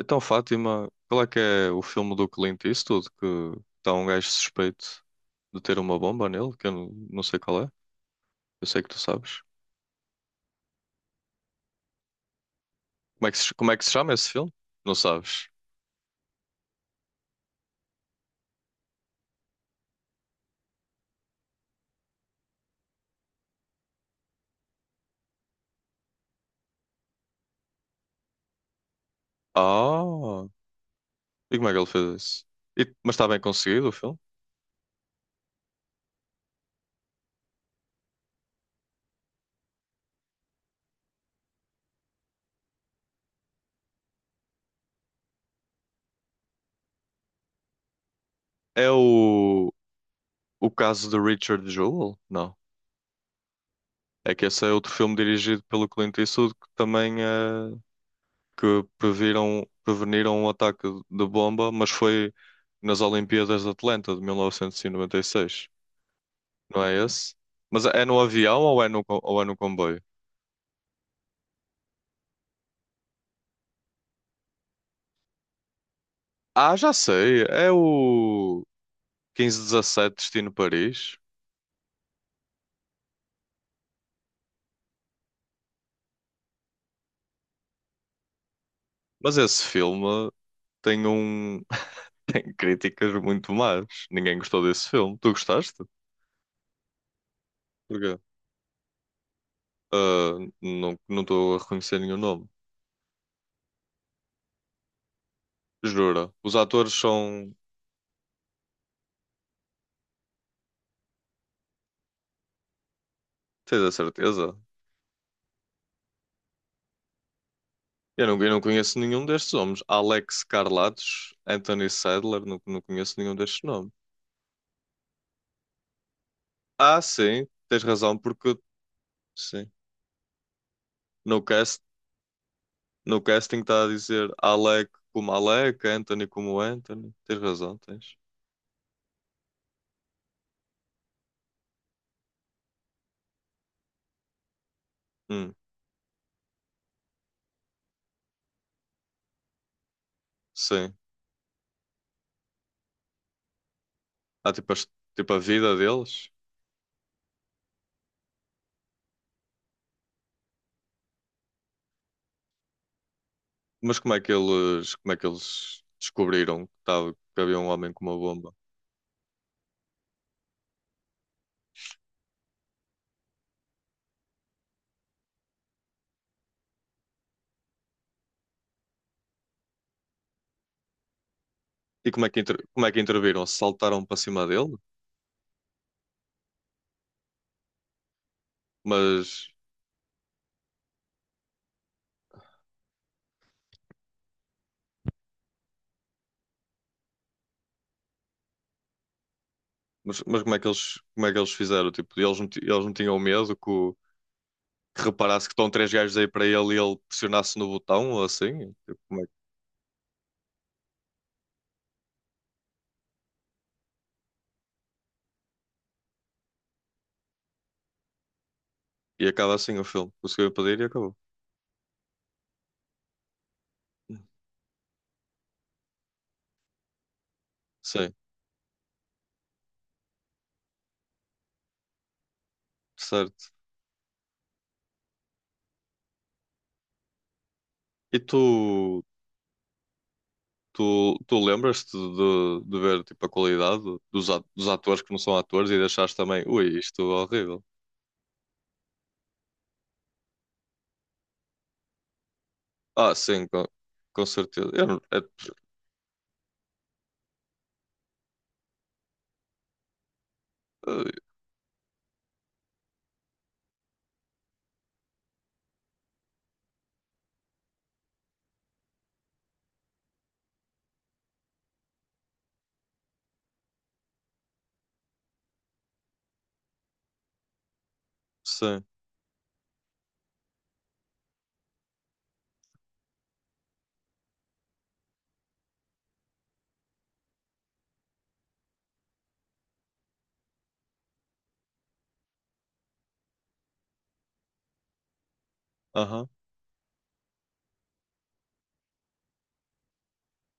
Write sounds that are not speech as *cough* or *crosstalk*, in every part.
Então, Fátima, qual é que é o filme do Clint Eastwood que está um gajo suspeito de ter uma bomba nele? Que eu não sei qual é. Eu sei que tu sabes. Como é que se chama esse filme? Não sabes? Ah! E como é que ele fez isso? Mas está bem conseguido o filme? É o caso de Richard Jewell? Não. É que esse é outro filme dirigido pelo Clint Eastwood que também é. Que preveniram um ataque de bomba, mas foi nas Olimpíadas de Atlanta de 1996, não é esse? Mas é no avião ou ou é no comboio? Ah, já sei, é o 15:17 Destino Paris. Mas esse filme tem um *laughs* tem críticas muito más. Ninguém gostou desse filme. Tu gostaste? Porquê? Ah, não estou a reconhecer nenhum nome. Jura? Os atores são. Tens a certeza? Eu não conheço nenhum destes nomes. Alex Carlatos, Anthony Sadler, não conheço nenhum destes nomes. Ah, sim, tens razão, porque sim. No cast, no casting está a dizer Alec como Alec, Anthony como Anthony. Tens razão, tens. Hum, sim. Há tipo, tipo a vida deles. Mas como é que eles descobriram que havia um homem com uma bomba? E como é que interviram? Saltaram para cima dele? Mas mas como é que eles fizeram? Tipo, eles não tinham medo que reparasse que estão três gajos aí para ele e ele pressionasse no botão ou assim? E acaba assim o filme. Conseguiu impedir e acabou. Sim, certo. E tu lembras-te de ver tipo, a qualidade dos atores que não são atores e deixaste também, ui, isto é horrível. Ah, sim, com certeza. Eu, não- É, eh, sim, aham.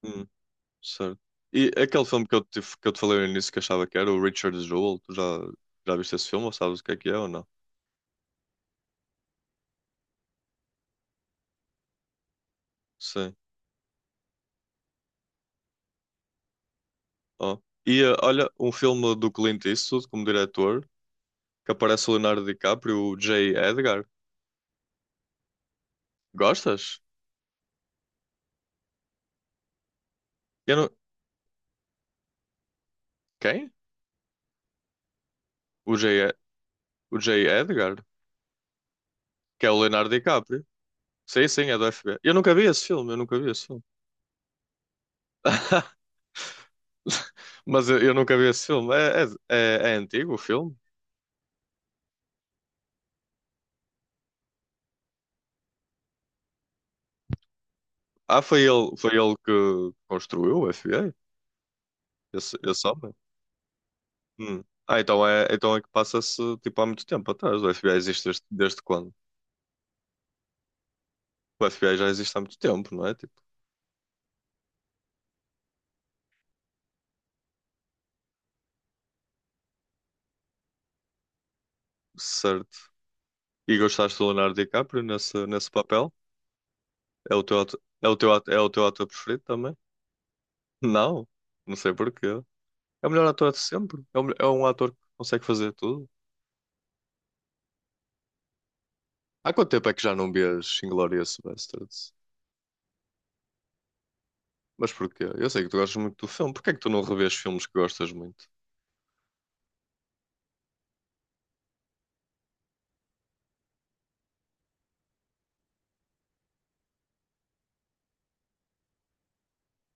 Hum. Certo. E aquele filme que eu te falei no início que achava que era o Richard Jewell, tu já viste esse filme ou sabes o que é ou não? Sim. Ó. E olha, um filme do Clint Eastwood como diretor, que aparece o Leonardo DiCaprio, o J. Edgar. Gostas? Eu não. Quem? O J. E- O J. Edgar, que é o Leonardo DiCaprio. Sim, sim, é do F FBI. Eu nunca vi esse filme, eu nunca vi esse filme. *laughs* Mas eu nunca vi esse filme. É, é antigo o filme? Ah, foi ele que construiu o F FBI? Esse homem? Hum. Ah, então é que passa-se tipo há muito tempo atrás. O FBI existe desde quando? O FBI já existe há muito tempo, não é? Tipo, certo. E gostaste do Leonardo DiCaprio nesse papel? É o teu ator preferido também? Não, não sei porquê. É o melhor ator de sempre. É um ator que consegue fazer tudo. Há quanto tempo é que já não vês Inglourious Basterds? Mas porquê? Eu sei que tu gostas muito do filme. Porquê é que tu não revês filmes que gostas muito?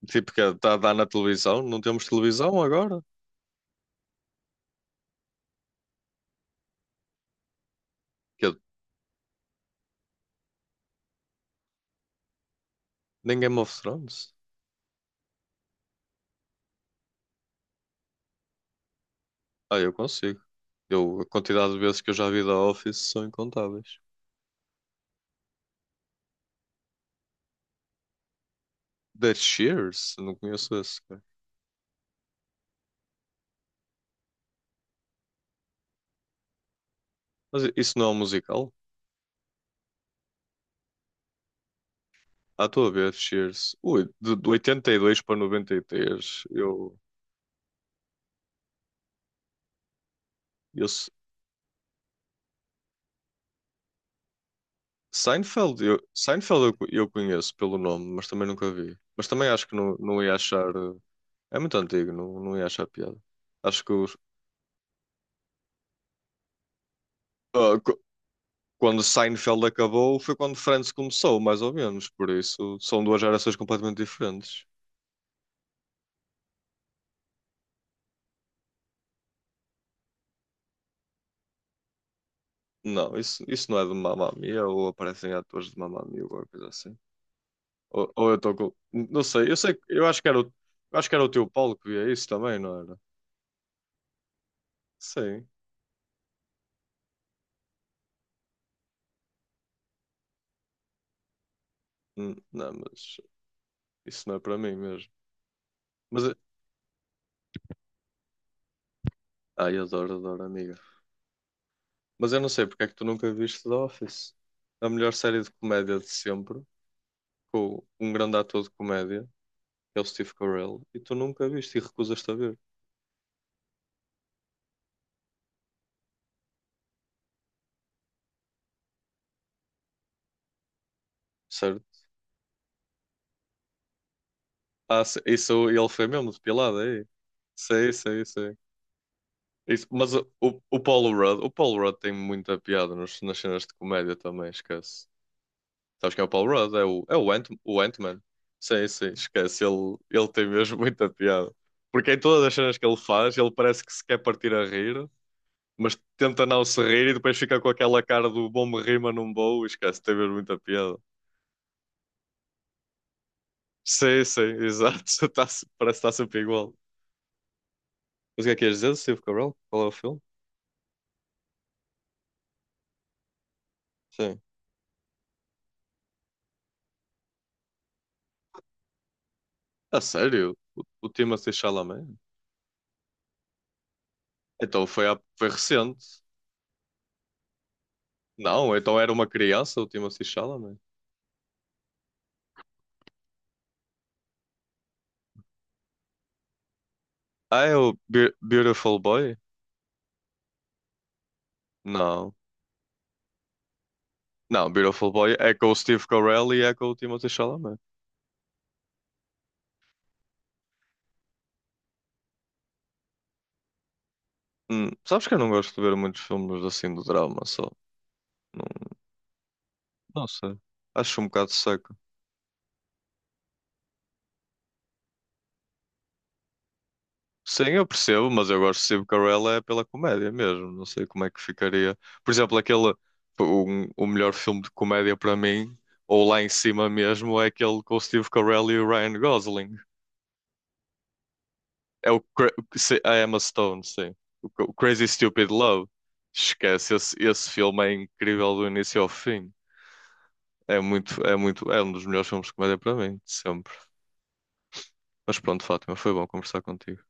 Tipo, que está a dar na televisão? Não temos televisão agora? Nem Game of Thrones? Ah, eu consigo. Eu, a quantidade de vezes que eu já vi The Office são incontáveis. The Cheers? Não conheço esse, cara. Mas isso não é um musical? À tua vez, Cheers. Ui, de 82 para 93. Eu, s- Seinfeld eu, co- eu conheço pelo nome, mas também nunca vi. Mas também acho que não ia achar. É muito antigo, não ia achar piada. Acho que os. Quando Seinfeld acabou foi quando Friends começou, mais ou menos. Por isso, são duas gerações completamente diferentes. Não, isso não é de Mamma Mia ou aparecem atores de Mamma Mia ou alguma coisa assim. Ou eu estou com. Não sei, eu sei, que- eu acho que era o, eu acho que era o teu Paulo que via isso também, não era? Sim. Não, mas isso não é para mim mesmo. Mas, eu- Ai, adoro, adoro, amiga. Mas eu não sei porque é que tu nunca viste The Office. A melhor série de comédia de sempre, com um grande ator de comédia, é o Steve Carell, e tu nunca viste e recusas-te a ver, certo? Ah, isso ele foi mesmo depilado, aí. Sei, sei, sei. Isso, mas o Paul Rudd tem muita piada nas cenas de comédia também, esquece. Sabes quem é o Paul Rudd? É o Ant-Man. Sim, sim, esquece. Ele tem mesmo *laughs* muita piada. Porque em todas as cenas que ele faz, ele parece que se quer partir a rir, mas tenta não se rir e depois fica com aquela cara do bom me rir, mas não vou, esquece, tem mesmo muita piada. Sim, sim, exato. *laughs* Tá, parece que está sempre igual. Mas o que é que ias dizer do Steve Carell? Qual é o filme? Sim. A sério? O Timothée Chalamet? Então foi recente. Não, então era uma criança o Timothée Chalamet. Ah, é o Beautiful Boy? Não. Não, Beautiful Boy é com o Steve Carell e é com o Timothée Chalamet. Sabes que eu não gosto de ver muitos filmes assim de drama, só. Não, não sei. Acho um bocado seco. Sim, eu percebo, mas eu gosto de Steve Carell é pela comédia mesmo. Não sei como é que ficaria. Por exemplo, aquele o melhor filme de comédia para mim, ou lá em cima mesmo, é aquele com o Steve Carell e o Ryan Gosling. É o Cra- se- a Emma Stone, sim. O Crazy Stupid Love. Esquece, esse filme é incrível do início ao fim. É um dos melhores filmes de comédia para mim, de sempre. Mas pronto, Fátima, foi bom conversar contigo.